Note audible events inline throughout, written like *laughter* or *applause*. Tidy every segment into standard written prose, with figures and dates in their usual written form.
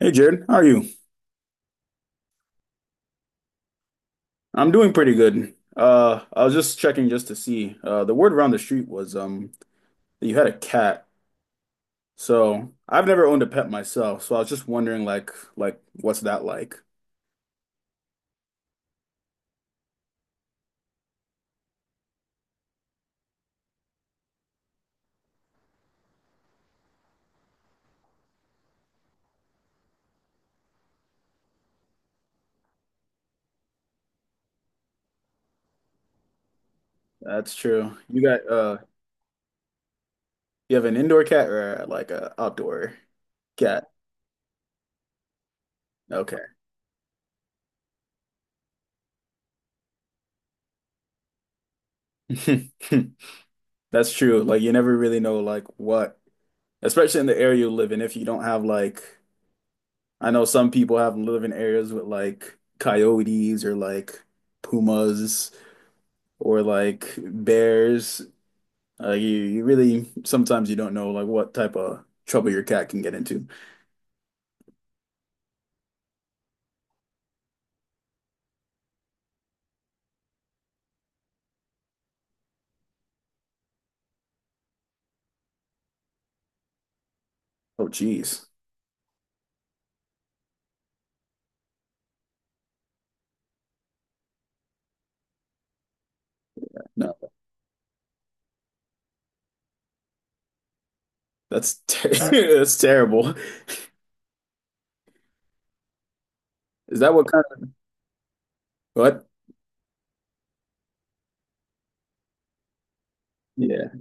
Hey Jared, how are you? I'm doing pretty good. I was just checking just to see. The word around the street was that you had a cat. So I've never owned a pet myself, so I was just wondering like what's that like? That's true. You have an indoor cat or like a outdoor cat? Okay. *laughs* That's true. Like you never really know like what, especially in the area you live in, if you don't have like I know some people have live in areas with like coyotes or like pumas, or like bears. You really sometimes you don't know like what type of trouble your cat can get into. Oh, geez, no, that's ter *laughs* that's terrible. Is that what kind of what? Yeah,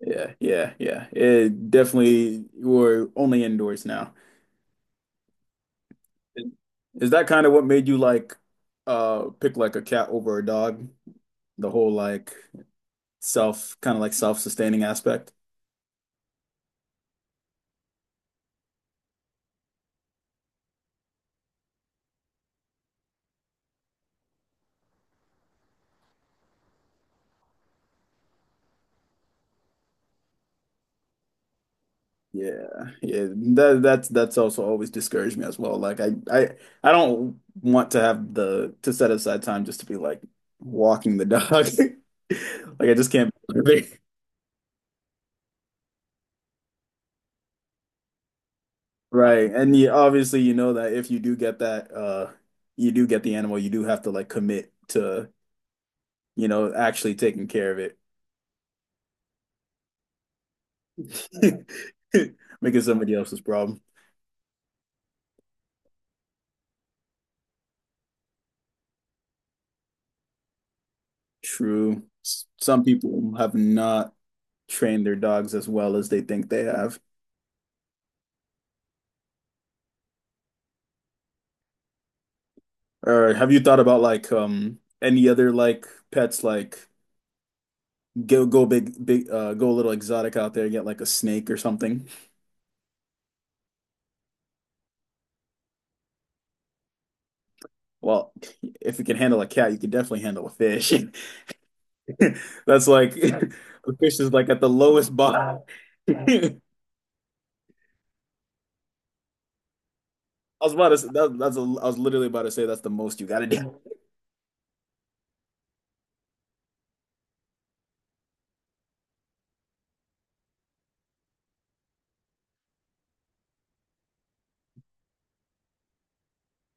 yeah, yeah, yeah. It definitely we're only indoors now. Is that kind of what made you like pick like a cat over a dog? The whole like self kind of like self-sustaining aspect? Yeah, yeah. That's also always discouraged me as well. Like I don't want to have the to set aside time just to be like walking the dog. *laughs* Like I just can't be *laughs* right. And you obviously you know that if you do get that you do get the animal, you do have to like commit to actually taking care of it. *laughs* Making somebody else's problem. True. Some people have not trained their dogs as well as they think they have. Or have you thought about like any other like pets like go big go a little exotic out there get like a snake or something? Well, if you can handle a cat, you can definitely handle a fish. *laughs* That's like *laughs* a fish is like at the lowest bottom. *laughs* I was about to say, I was literally about to say that's the most you gotta do.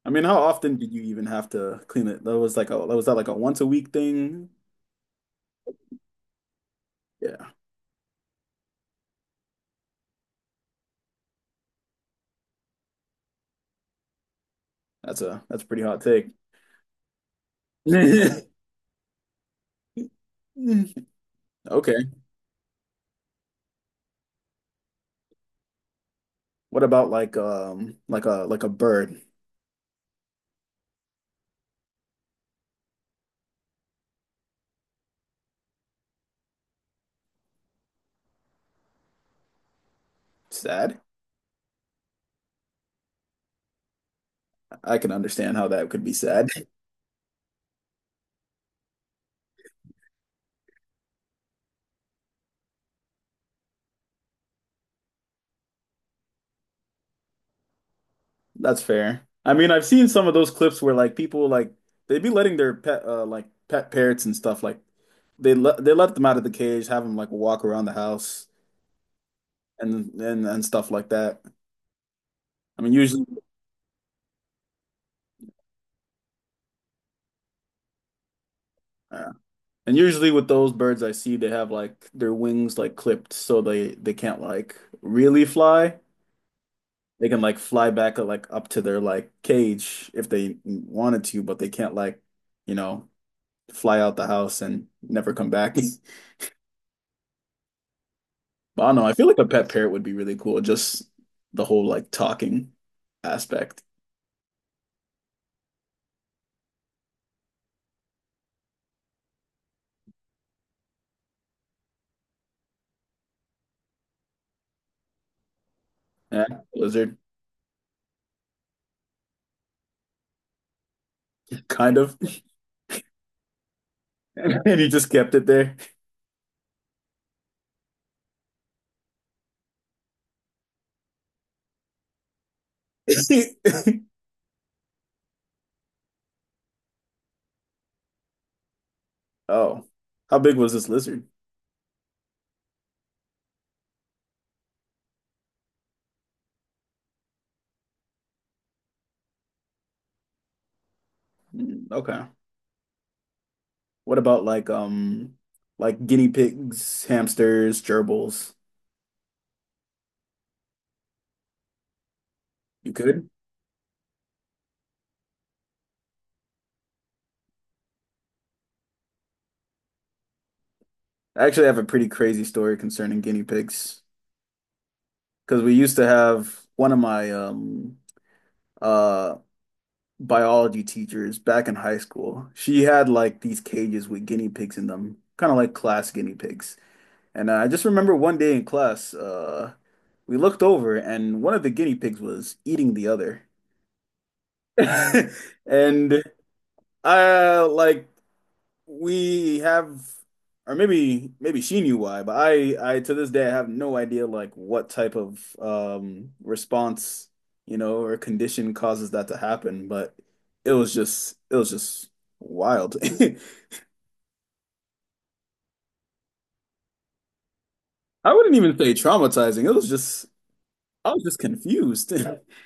I mean, how often did you even have to clean it? That was like a that was that like a once a week thing? Yeah, that's a pretty hot take. *laughs* Okay. What about like a bird? Sad. I can understand how that could be sad. *laughs* That's fair. I mean, I've seen some of those clips where like people like they'd be letting their pet parrots and stuff like they let them out of the cage, have them like walk around the house and stuff like that. I mean, usually uh, and usually with those birds I see they have like their wings like clipped so they can't like really fly. They can like fly back like up to their like cage if they wanted to, but they can't like, you know, fly out the house and never come back. *laughs* But I don't know. I feel like a pet parrot would be really cool. Just the whole like talking aspect. Yeah, lizard, kind of. *laughs* And he just kept it there. *laughs* Oh, how big was this lizard? Mm, okay. What about like guinea pigs, hamsters, gerbils? You could? I actually have a pretty crazy story concerning guinea pigs. Because we used to have one of my uh biology teachers back in high school. She had like these cages with guinea pigs in them, kind of like class guinea pigs. And I just remember one day in class, we looked over and one of the guinea pigs was eating the other. *laughs* And I like we have or maybe she knew why, but I to this day I have no idea like what type of response, or condition causes that to happen, but it was just wild. *laughs* I wouldn't even say traumatizing. It was just I was just confused. *laughs*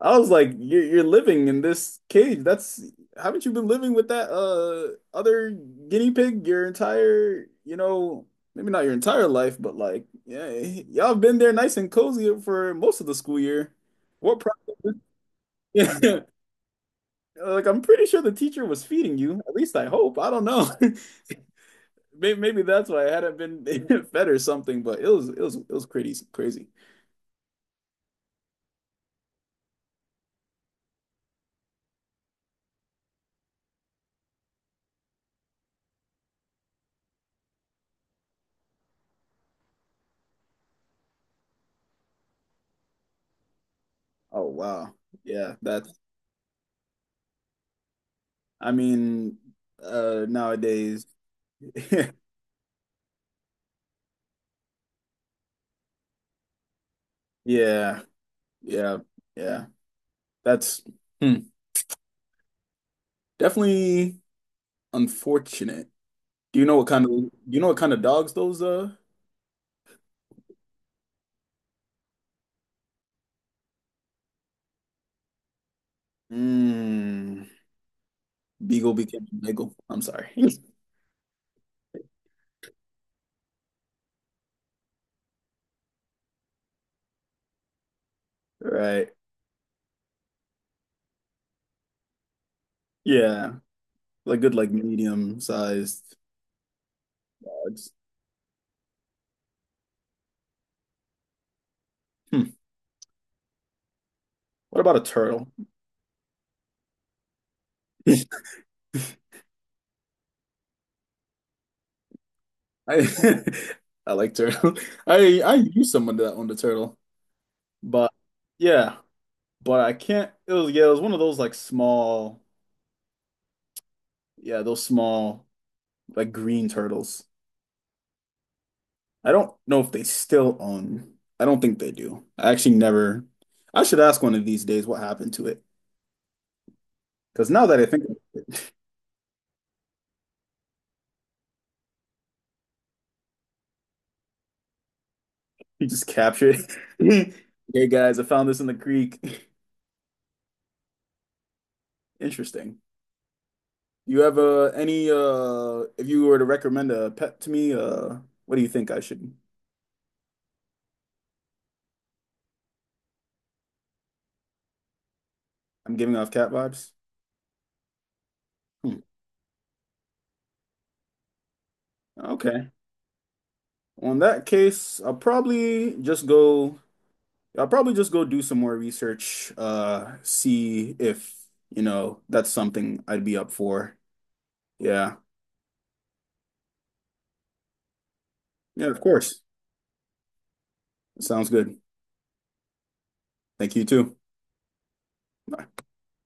I was like, you're living in this cage. That's Haven't you been living with that other guinea pig your entire, you know, maybe not your entire life, but like, yeah, y'all have been there nice and cozy for most of the school year. What problem? *laughs* Yeah. Like I'm pretty sure the teacher was feeding you. At least I hope. I don't know. *laughs* Maybe that's why I hadn't been *laughs* fed or something, but it was crazy crazy. Oh wow. Yeah, that's I mean nowadays. *laughs* Yeah, yeah, yeah. That's hmm, definitely unfortunate. Do you know what kind of dogs those mm, beagle became a beagle. I'm sorry. *laughs* Right. Yeah. Like good like medium sized dogs. Hmm. What about a turtle? *laughs* I *laughs* I like turtle. *laughs* I knew someone that owned a turtle, but yeah, but I can't. It was yeah, it was one of those like small, yeah, those small like green turtles. I don't know if they still own. I don't think they do. I actually never. I should ask one of these days what happened to it. Because now that I think he *laughs* just captured it. *laughs* Hey guys, I found this in the creek. *laughs* Interesting. You have any if you were to recommend a pet to me, what do you think I should? I'm giving off cat vibes. Hmm. Okay. Well, in that case, I'll probably just go do some more research, see if, that's something I'd be up for. Yeah. Yeah, of course. Sounds good. Thank you too. Bye.